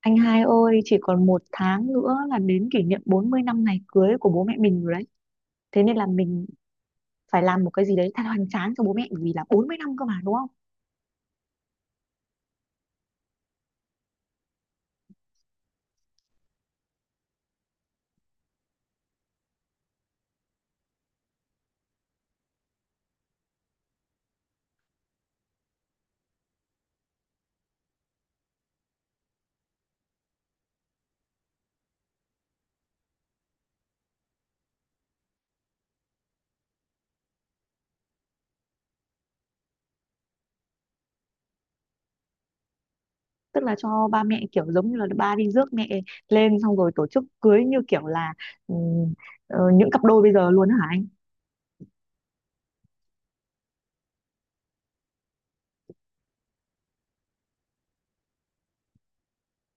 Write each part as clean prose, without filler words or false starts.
Anh hai ơi, chỉ còn một tháng nữa là đến kỷ niệm 40 năm ngày cưới của bố mẹ mình rồi đấy. Thế nên là mình phải làm một cái gì đấy thật hoành tráng cho bố mẹ, bởi vì là 40 năm cơ mà, đúng không? Tức là cho ba mẹ kiểu giống như là ba đi rước mẹ lên, xong rồi tổ chức cưới như kiểu là ừm, những cặp đôi bây giờ luôn hả?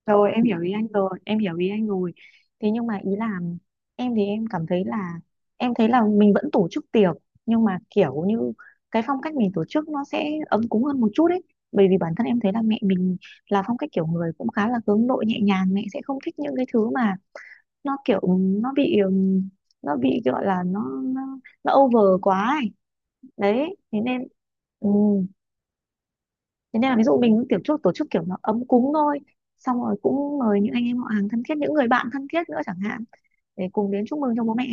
Rồi, em hiểu ý anh rồi, em hiểu ý anh rồi. Thế nhưng mà ý là em thì em cảm thấy là em thấy là mình vẫn tổ chức tiệc, nhưng mà kiểu như cái phong cách mình tổ chức nó sẽ ấm cúng hơn một chút ấy. Bởi vì bản thân em thấy là mẹ mình là phong cách kiểu người cũng khá là hướng nội, nhẹ nhàng, mẹ sẽ không thích những cái thứ mà nó kiểu nó bị ừm, nó bị gọi là nó over quá ấy. Đấy, thế nên ừ, thế nên là ví dụ mình kiểu chút tổ chức kiểu nó ấm cúng thôi, xong rồi cũng mời những anh em họ hàng thân thiết, những người bạn thân thiết nữa chẳng hạn, để cùng đến chúc mừng cho bố mẹ.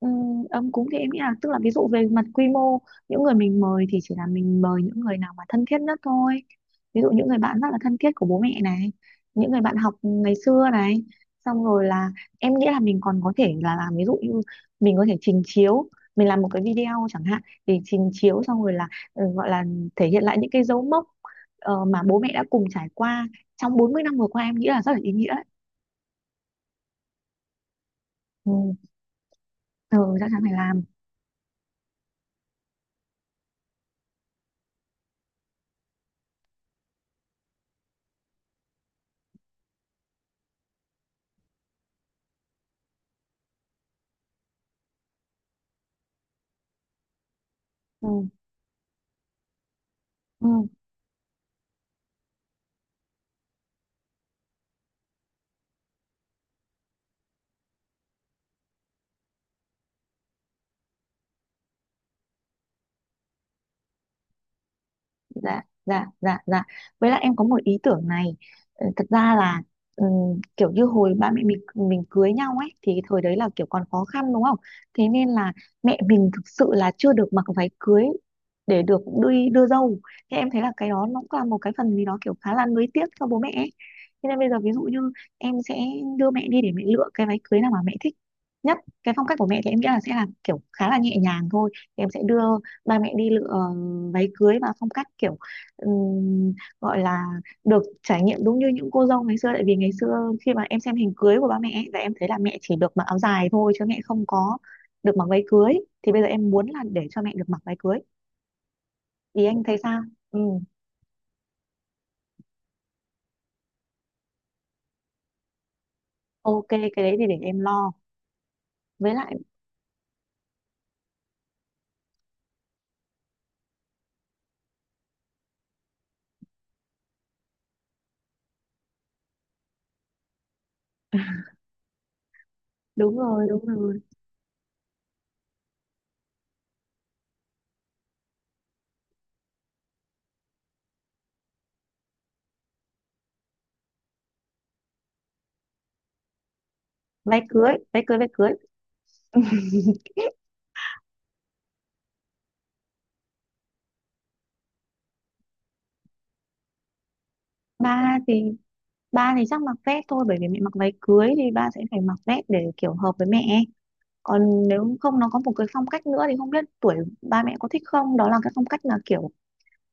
Ấm cúng thì em nghĩ là tức là ví dụ về mặt quy mô, những người mình mời thì chỉ là mình mời những người nào mà thân thiết nhất thôi, ví dụ những người bạn rất là thân thiết của bố mẹ này, những người bạn học ngày xưa này, xong rồi là em nghĩ là mình còn có thể là làm ví dụ như mình có thể trình chiếu, mình làm một cái video chẳng hạn, thì trình chiếu xong rồi là gọi là thể hiện lại những cái dấu mốc mà bố mẹ đã cùng trải qua trong 40 năm vừa qua, em nghĩ là rất là ý nghĩa đấy. Ừ, ừ chắc chắn phải làm. Ừ, ừ. Dạ dạ dạ dạ, với lại em có một ý tưởng này. Ờ, thật ra là kiểu như hồi ba mẹ mình cưới nhau ấy, thì thời đấy là kiểu còn khó khăn, đúng không? Thế nên là mẹ mình thực sự là chưa được mặc váy cưới để được đi đưa dâu. Thế em thấy là cái đó nó cũng là một cái phần gì đó kiểu khá là nuối tiếc cho bố mẹ ấy. Thế nên bây giờ ví dụ như em sẽ đưa mẹ đi để mẹ lựa cái váy cưới nào mà mẹ thích nhất. Cái phong cách của mẹ thì em nghĩ là sẽ là kiểu khá là nhẹ nhàng thôi, thì em sẽ đưa ba mẹ đi lựa váy cưới, và phong cách kiểu ừm, gọi là được trải nghiệm đúng như những cô dâu ngày xưa. Tại vì ngày xưa khi mà em xem hình cưới của ba mẹ ấy, là em thấy là mẹ chỉ được mặc áo dài thôi chứ mẹ không có được mặc váy cưới. Thì bây giờ em muốn là để cho mẹ được mặc váy cưới. Thì anh thấy sao? Ừ, ok cái đấy thì để em lo. Với lại đúng rồi đúng rồi, váy cưới váy cưới váy cưới. Ba thì ba thì chắc mặc vest thôi, bởi vì mẹ mặc váy cưới thì ba sẽ phải mặc vest để kiểu hợp với mẹ. Còn nếu không nó có một cái phong cách nữa thì không biết tuổi ba mẹ có thích không, đó là cái phong cách là kiểu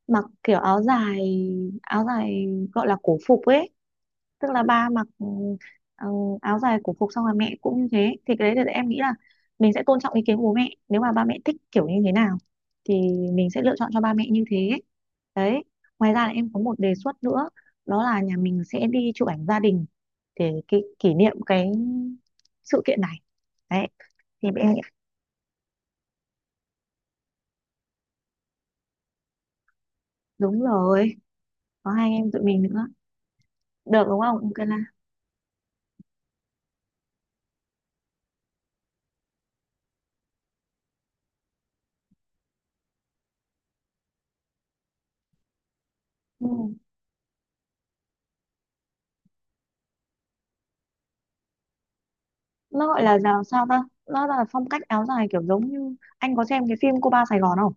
mặc kiểu áo dài, áo dài gọi là cổ phục ấy. Tức là ba mặc ừ, áo dài cổ phục, xong là mẹ cũng như thế. Thì cái đấy thì em nghĩ là mình sẽ tôn trọng ý kiến của bố mẹ, nếu mà ba mẹ thích kiểu như thế nào thì mình sẽ lựa chọn cho ba mẹ như thế. Đấy, ngoài ra là em có một đề xuất nữa, đó là nhà mình sẽ đi chụp ảnh gia đình để kỷ, kỷ niệm cái sự kiện này. Đấy, thì em. Đúng rồi, có hai anh em tụi mình nữa. Được đúng không? Ok là. Ừ. Nó gọi là giàu sao ta? Nó là phong cách áo dài kiểu giống như anh có xem cái phim Cô Ba Sài Gòn không?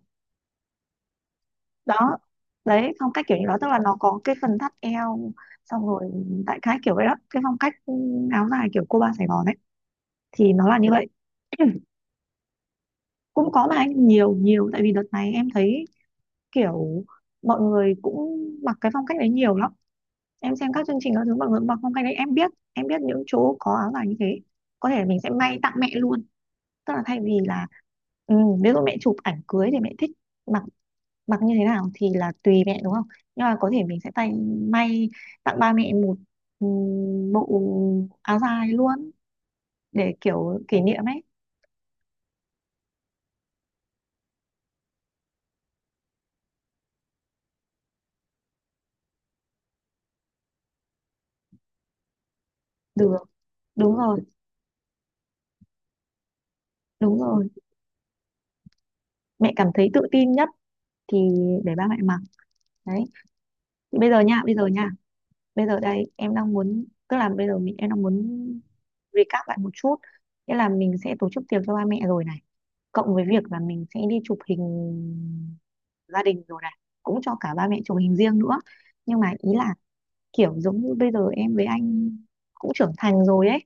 Đó. Đấy, phong cách kiểu như đó, tức là nó có cái phần thắt eo, xong rồi đại khái kiểu vậy đó. Cái phong cách áo dài kiểu Cô Ba Sài Gòn ấy, thì nó là như vậy. Cũng có mà anh, nhiều nhiều, tại vì đợt này em thấy kiểu mọi người cũng mặc cái phong cách đấy nhiều lắm. Em xem các chương trình các thứ bằng lụa bọc không, cái đấy em biết, em biết những chỗ có áo dài như thế. Có thể là mình sẽ may tặng mẹ luôn, tức là thay vì là ừ, ví dụ mẹ chụp ảnh cưới thì mẹ thích mặc mặc như thế nào thì là tùy mẹ, đúng không. Nhưng mà có thể mình sẽ tay may tặng ba mẹ một ừ, bộ áo dài luôn để kiểu kỷ niệm ấy. Được, đúng rồi đúng rồi, mẹ cảm thấy tự tin nhất thì để ba mẹ mặc. Đấy, thì bây giờ nha, bây giờ nha, bây giờ đây em đang muốn, tức là bây giờ em đang muốn recap lại một chút. Nghĩa là mình sẽ tổ chức tiệc cho ba mẹ rồi này, cộng với việc là mình sẽ đi chụp hình gia đình rồi này, cũng cho cả ba mẹ chụp hình riêng nữa. Nhưng mà ý là kiểu giống như bây giờ em với anh cũng trưởng thành rồi ấy,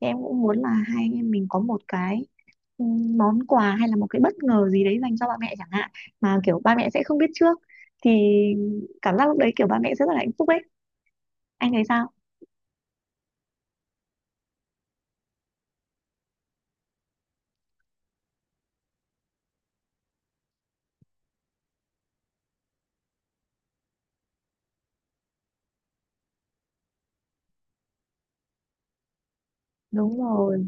thì em cũng muốn là hai anh em mình có một cái ừ, món quà hay là một cái bất ngờ gì đấy dành cho ba mẹ chẳng hạn, mà kiểu ba mẹ sẽ không biết trước, thì cảm giác lúc đấy kiểu ba mẹ sẽ rất là hạnh phúc ấy. Anh thấy sao? Đúng rồi,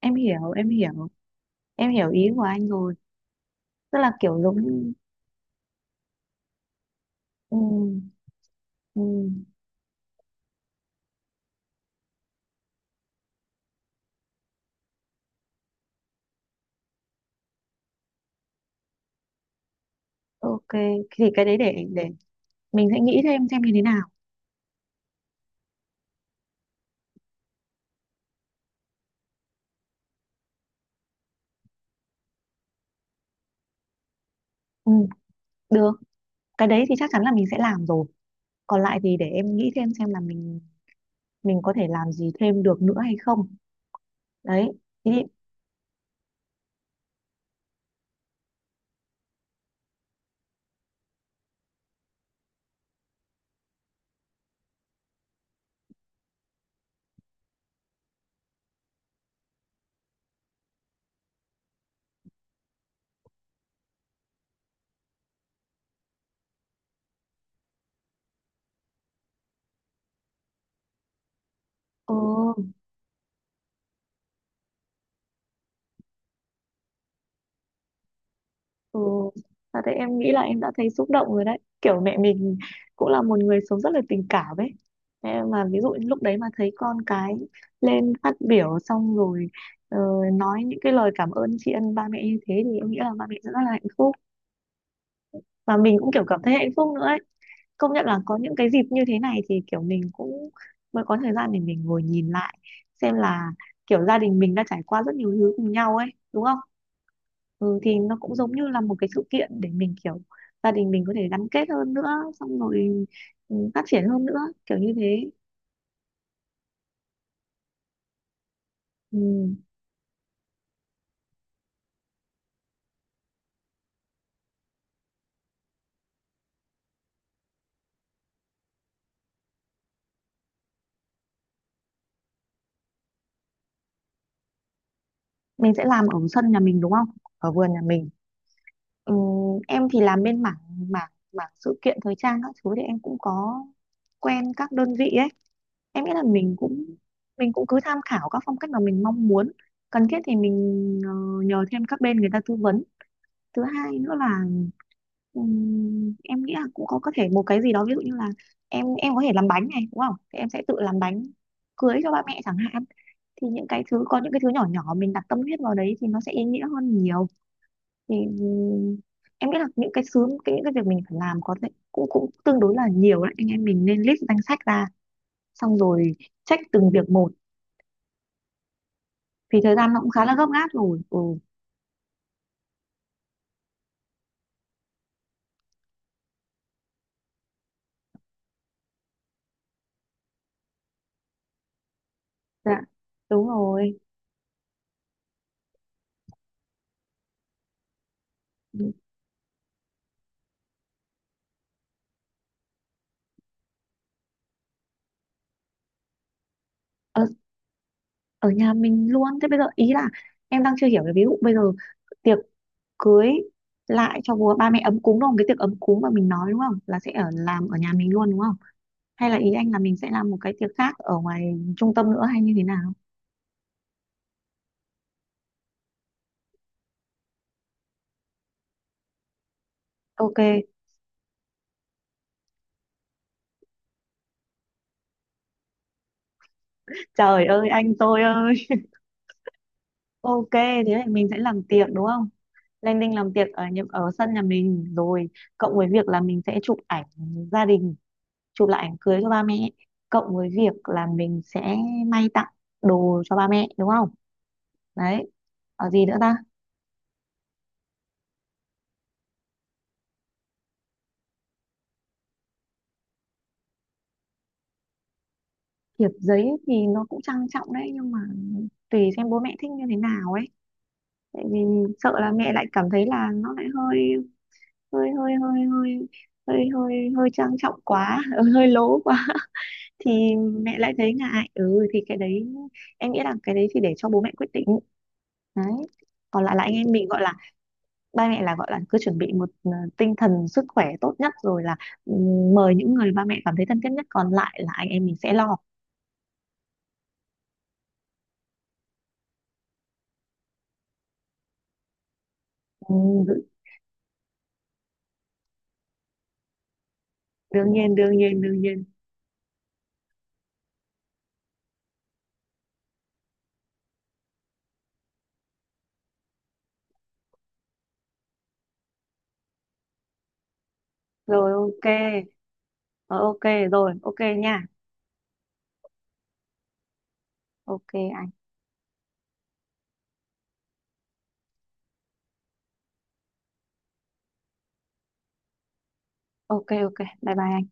em hiểu em hiểu, em hiểu ý của anh rồi, tức là kiểu giống như ừ, ừ, ok thì cái đấy để mình sẽ nghĩ thêm xem như thế nào. ừ, được, cái đấy thì chắc chắn là mình sẽ làm rồi. Còn lại thì để em nghĩ thêm xem là mình có thể làm gì thêm được nữa hay không. Đấy thì ừ, ừ, thật đấy, em nghĩ là em đã thấy xúc động rồi đấy. Kiểu mẹ mình cũng là một người sống rất là tình cảm ấy. Em mà ví dụ như lúc đấy mà thấy con cái lên phát biểu xong rồi ờ, nói những cái lời cảm ơn tri ân ba mẹ như thế, thì em nghĩ là ba mẹ sẽ rất là hạnh phúc. Và mình cũng kiểu cảm thấy hạnh phúc nữa ấy. Công nhận là có những cái dịp như thế này thì kiểu mình cũng mới có thời gian để mình ngồi nhìn lại, xem là kiểu gia đình mình đã trải qua rất nhiều thứ cùng nhau ấy, đúng không. Ừ, thì nó cũng giống như là một cái sự kiện để mình kiểu gia đình mình có thể gắn kết hơn nữa, xong rồi ừ, phát triển hơn nữa, kiểu như thế. Ừ. Mình sẽ làm ở sân nhà mình đúng không, ở vườn nhà mình. Ừ, em thì làm bên mảng mảng mảng sự kiện thời trang các thứ, thì em cũng có quen các đơn vị ấy. Em nghĩ là mình cũng cứ tham khảo các phong cách mà mình mong muốn, cần thiết thì mình ờ, nhờ thêm các bên người ta tư vấn. Thứ hai nữa là em nghĩ là cũng có thể một cái gì đó, ví dụ như là em có thể làm bánh này đúng không, thì em sẽ tự làm bánh cưới cho ba mẹ chẳng hạn. Thì những cái thứ nhỏ nhỏ mình đặt tâm huyết vào đấy thì nó sẽ ý nghĩa hơn nhiều. Thì em nghĩ là những cái sứ cái những cái việc mình phải làm có thể cũng cũng tương đối là nhiều đấy, anh em mình nên list danh sách ra, xong rồi check từng việc một, vì thời gian nó cũng khá là gấp gáp rồi. Ừ, dạ, đúng rồi. Ừ, ở, ở nhà mình luôn. Thế bây giờ ý là em đang chưa hiểu, cái ví dụ bây giờ tiệc cưới lại cho ba mẹ ấm cúng đúng không, cái tiệc ấm cúng mà mình nói đúng không, là sẽ ở làm ở nhà mình luôn đúng không, hay là ý anh là mình sẽ làm một cái tiệc khác ở ngoài trung tâm nữa hay như thế nào? Ok, trời ơi anh tôi ơi. Ok, thế thì mình sẽ làm tiệc đúng không? Lên Đinh làm tiệc ở nhà- ở sân nhà mình rồi, cộng với việc là mình sẽ chụp ảnh gia đình, chụp lại ảnh cưới cho ba mẹ, cộng với việc là mình sẽ may tặng đồ cho ba mẹ đúng không? Đấy. Ở gì nữa ta? Thiệp giấy thì nó cũng trang trọng đấy, nhưng mà tùy xem bố mẹ thích như thế nào ấy. Tại vì sợ là mẹ lại cảm thấy là nó lại hơi hơi hơi hơi hơi hơi hơi hơi trang trọng quá, hơi lố quá. Thì mẹ lại thấy ngại. Ừ thì cái đấy em nghĩ là cái đấy thì để cho bố mẹ quyết định. Đấy, còn lại là anh em mình gọi là ba mẹ là gọi là cứ chuẩn bị một tinh thần sức khỏe tốt nhất rồi là ừ, mời những người ba mẹ cảm thấy thân thiết nhất, còn lại là anh em mình sẽ lo. Ừ, đương nhiên đương nhiên đương nhiên. Rồi ok. Ờ, ok. Rồi ok nha. Ok anh. Ok ok, bye bye anh.